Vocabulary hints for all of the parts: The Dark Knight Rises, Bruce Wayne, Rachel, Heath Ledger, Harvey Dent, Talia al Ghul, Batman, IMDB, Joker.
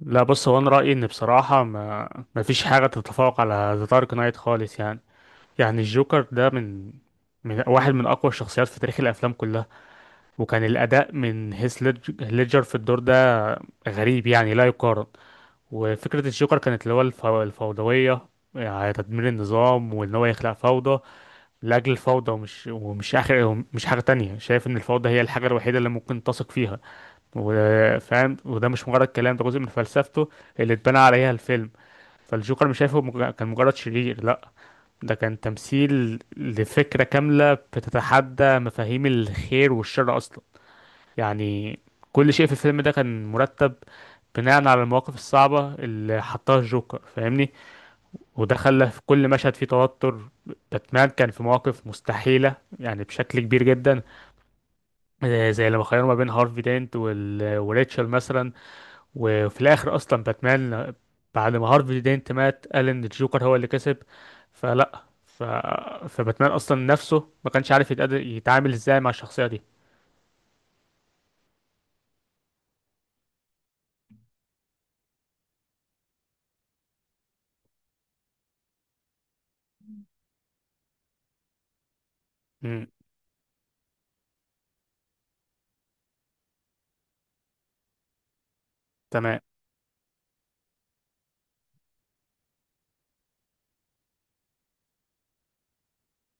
لا، بص. هو انا رايي، ان بصراحه ما فيش حاجه تتفوق على ذا دارك نايت خالص، يعني. يعني الجوكر ده من واحد من اقوى الشخصيات في تاريخ الافلام كلها. وكان الاداء من هيث ليدجر في الدور ده غريب، يعني لا يقارن. وفكره الجوكر كانت اللي هو الفوضويه، يعني تدمير النظام، وان هو يخلق فوضى لاجل الفوضى، ومش اخر، ومش حاجه تانية. شايف ان الفوضى هي الحاجه الوحيده اللي ممكن تثق فيها وفاهم. وده مش مجرد كلام، ده جزء من فلسفته اللي اتبنى عليها الفيلم. فالجوكر مش شايفه كان مجرد شرير، لا. ده كان تمثيل لفكرة كاملة بتتحدى مفاهيم الخير والشر أصلا، يعني. كل شيء في الفيلم ده كان مرتب بناء على المواقف الصعبة اللي حطها الجوكر، فاهمني. وده خلى في كل مشهد فيه توتر. باتمان كان في مواقف مستحيلة، يعني بشكل كبير جدا. زي لما خيروا ما بين هارفي دينت وريتشل مثلا. وفي الاخر اصلا باتمان، بعد ما هارفي دينت مات، قال ان الجوكر هو اللي كسب. فلا، فباتمان اصلا نفسه ما كانش عارف يتعامل ازاي مع الشخصية دي. امم. تمام.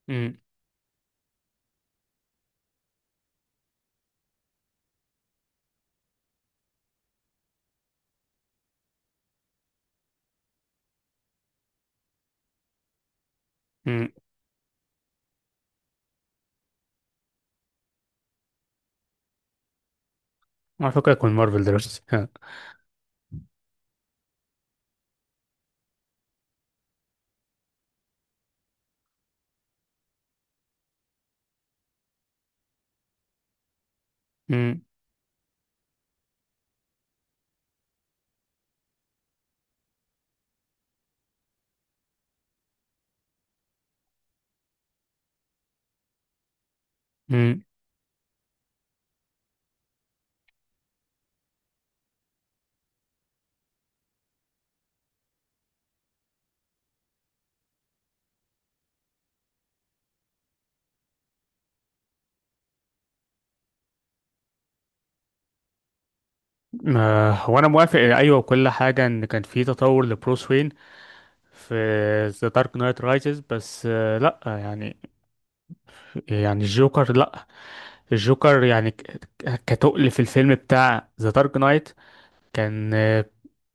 امم. امم. على فكرة يكون مارفل دلوقتي، ها. امم. امم. آه، هو انا موافق، ايوه، وكل حاجة، ان كان في تطور لبروس وين في ذا دارك نايت رايزز. بس لا، يعني الجوكر، لا. الجوكر يعني كتقل في الفيلم بتاع ذا دارك نايت، كان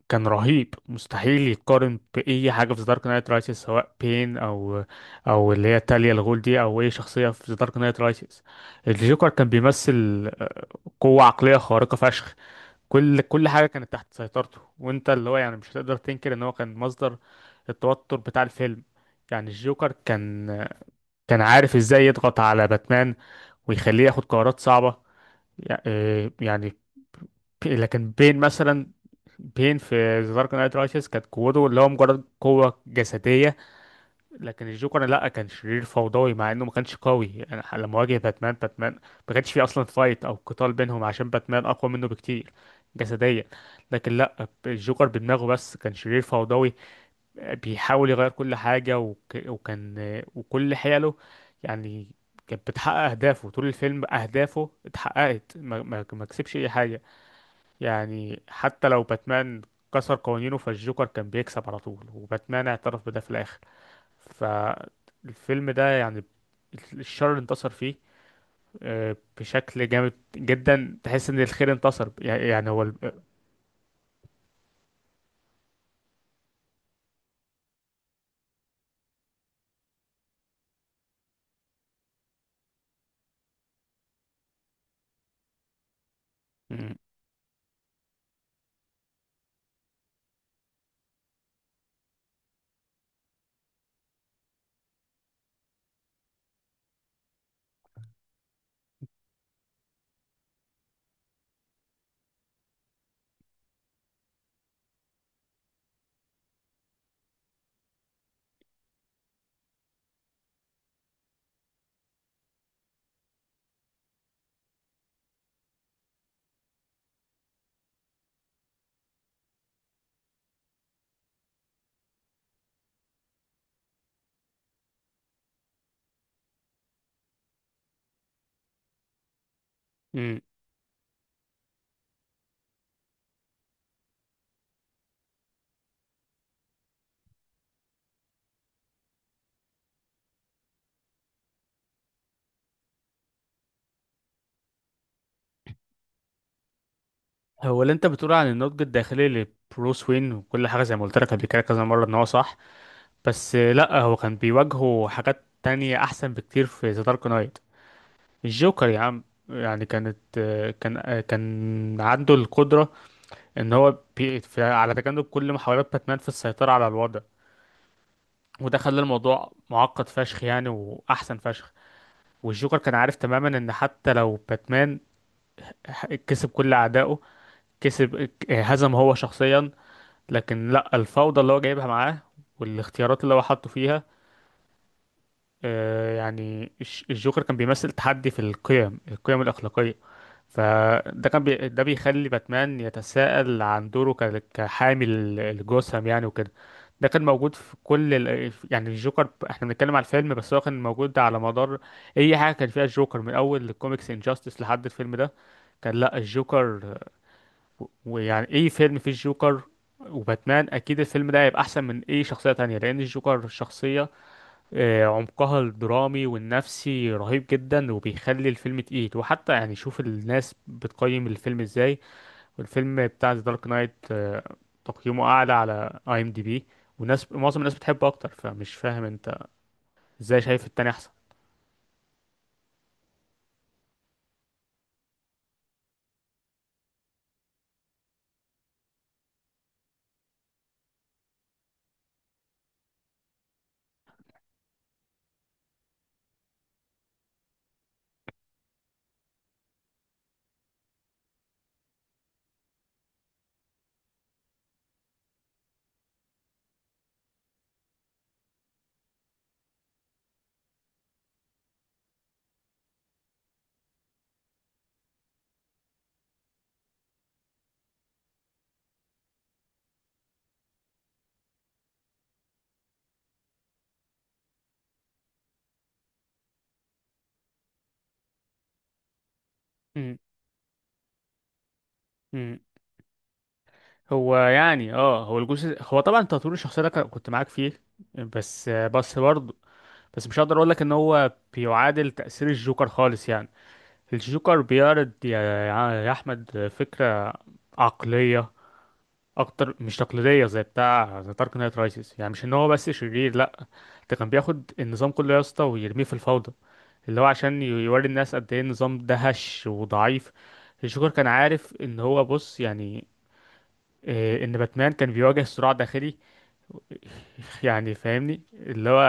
كان رهيب. مستحيل يتقارن بأي حاجة في ذا دارك نايت رايسز، سواء بين، أو اللي هي تاليا الغول دي، أو أي شخصية في ذا دارك نايت رايسز. الجوكر كان بيمثل قوة عقلية خارقة فشخ. كل حاجة كانت تحت سيطرته، وأنت اللي هو، يعني، مش هتقدر تنكر إن هو كان مصدر التوتر بتاع الفيلم. يعني الجوكر كان عارف إزاي يضغط على باتمان ويخليه ياخد قرارات صعبة، يعني. لكن بين مثلا، بين في ذا دارك نايت رايسز كانت قوته اللي هو مجرد قوة جسدية. لكن الجوكر، لا، كان شرير فوضوي مع انه ما كانش قوي، يعني. لما واجه باتمان، باتمان ما كانش فيه اصلا فايت او قتال بينهم، عشان باتمان اقوى منه بكتير جسديا. لكن لا، الجوكر بدماغه بس كان شرير فوضوي بيحاول يغير كل حاجة. وكان وكل حيله يعني كانت بتحقق أهدافه طول الفيلم. أهدافه اتحققت، ما كسبش أي حاجة، يعني. حتى لو باتمان كسر قوانينه، فالجوكر كان بيكسب على طول، وباتمان اعترف بده في الآخر. فالفيلم ده، يعني، الشر انتصر فيه، بشكل جامد جدا. تحس ان الخير انتصر، يعني هو. مم. مم. هو اللي انت بتقول عن النضج الداخلي لبروس وين وكل حاجة، زي ما قلت لك قبل كده كذا مرة، ان هو صح. بس لا، هو كان بيواجهه حاجات تانية احسن بكتير في ذا دارك نايت. الجوكر، يا عم، يعني كانت آه، كان آه، كان عنده القدرة ان هو على تجنب كل محاولات باتمان في السيطرة على الوضع. وده خلى الموضوع معقد فشخ، يعني، واحسن فشخ. والجوكر كان عارف تماما ان حتى لو باتمان كسب كل اعدائه، كسب آه، هزم هو شخصيا، لكن لا، الفوضى اللي هو جايبها معاه والاختيارات اللي هو حاطه فيها، يعني. الجوكر كان بيمثل تحدي في القيم الأخلاقية. ده بيخلي باتمان يتساءل عن دوره، كحامي الجثم، يعني، وكده. ده كان موجود في كل يعني الجوكر، احنا بنتكلم على الفيلم بس هو كان موجود على مدار اي حاجة كان فيها الجوكر، من اول الكوميكس، انجاستس، لحد الفيلم ده. كان لا الجوكر، ويعني اي فيلم فيه الجوكر وباتمان، اكيد الفيلم ده هيبقى احسن من اي شخصية تانية، لان الجوكر شخصية عمقها الدرامي والنفسي رهيب جدا، وبيخلي الفيلم تقيل. وحتى، يعني، شوف الناس بتقيم الفيلم ازاي، والفيلم بتاع ذا دارك نايت تقييمه اعلى على IMDb، وناس، معظم الناس بتحبه اكتر. فمش فاهم انت ازاي شايف التاني احسن. مم. مم. هو يعني، هو الجزء، هو طبعا تطوير الشخصيه ده كنت معاك فيه. بس برضه، بس مش هقدر اقول لك ان هو بيعادل تاثير الجوكر خالص، يعني. الجوكر بيعرض، يا احمد، فكره عقلية أكتر مش تقليدية زي بتاع ذا دارك نايت رايسز. يعني مش إن هو بس شرير، لأ. ده كان بياخد النظام كله، يا اسطى، ويرميه في الفوضى، اللي هو عشان يوري الناس قد إيه النظام ده هش وضعيف. الجوكر كان عارف إن هو، بص، يعني، إن باتمان كان بيواجه صراع داخلي. يعني فاهمني، اللي هو،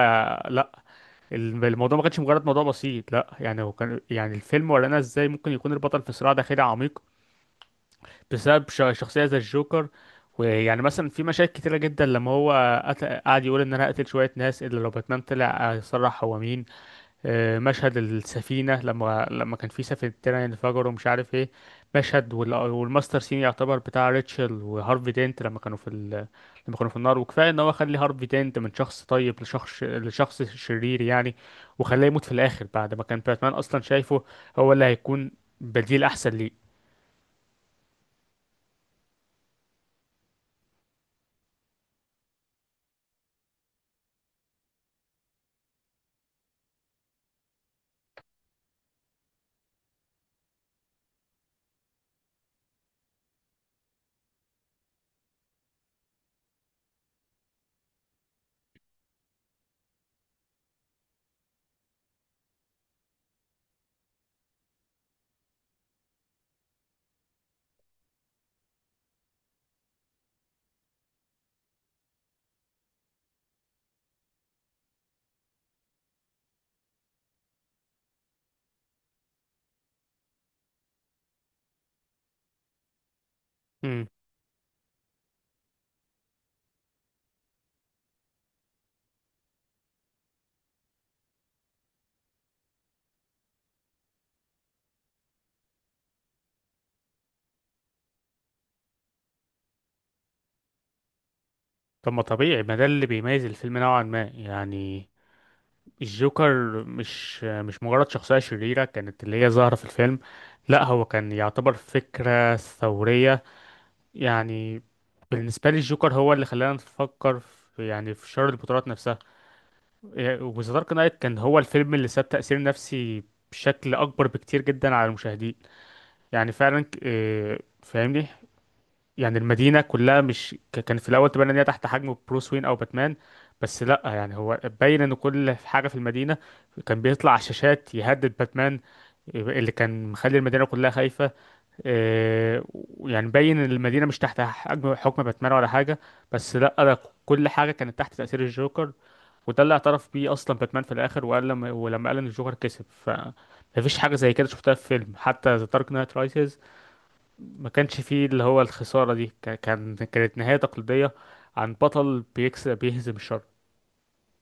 لأ، الموضوع ما كانش مجرد موضوع بسيط، لأ. يعني هو كان، يعني، الفيلم ورانا إزاي ممكن يكون البطل في صراع داخلي عميق بسبب شخصية زي الجوكر. ويعني مثلا في مشاهد كتيرة جدا لما هو قعد يقول ان انا هقتل شوية ناس الا لو باتمان طلع يصرح هو مين. مشهد السفينة، لما كان في سفينة انفجروا ومش عارف ايه. مشهد والماستر سين، يعتبر بتاع ريتشل وهارفي دينت، لما كانوا في النار. وكفاية ان هو خلي هارفي دينت من شخص طيب، لشخص شرير، يعني. وخلاه يموت في الاخر، بعد ما كان باتمان اصلا شايفه هو اللي هيكون بديل احسن ليه. طب ما طبيعي، ما ده اللي بيميز الفيلم نوعا ما، يعني. الجوكر مش مجرد شخصية شريرة كانت اللي هي ظاهرة في الفيلم. لا، هو كان يعتبر فكرة ثورية، يعني. بالنسبة لي، الجوكر هو اللي خلانا نفكر في، يعني، في شر البطولات نفسها. إيه، وذا دارك نايت كان هو الفيلم اللي ساب تأثير نفسي بشكل أكبر بكتير جدا على المشاهدين. يعني فعلا، إيه، فاهمني. يعني المدينة كلها، مش كان في الأول تبان إن هي تحت حجم بروس وين أو باتمان. بس لأ، يعني هو باين إن كل حاجة في المدينة كان بيطلع على الشاشات يهدد باتمان، اللي كان مخلي المدينة كلها خايفة. إيه، يعني باين إن المدينة مش تحت حجم، حكم باتمان ولا حاجة. بس لأ، ده كل حاجة كانت تحت تأثير الجوكر، وده اللي اعترف بيه أصلا باتمان في الآخر، وقال، ولما قال إن الجوكر كسب. مفيش حاجة زي كده شفتها في فيلم، حتى ذا دارك نايت رايسز ما كانش فيه اللي هو الخسارة دي. كانت نهاية تقليدية عن بطل بيهزم الشر.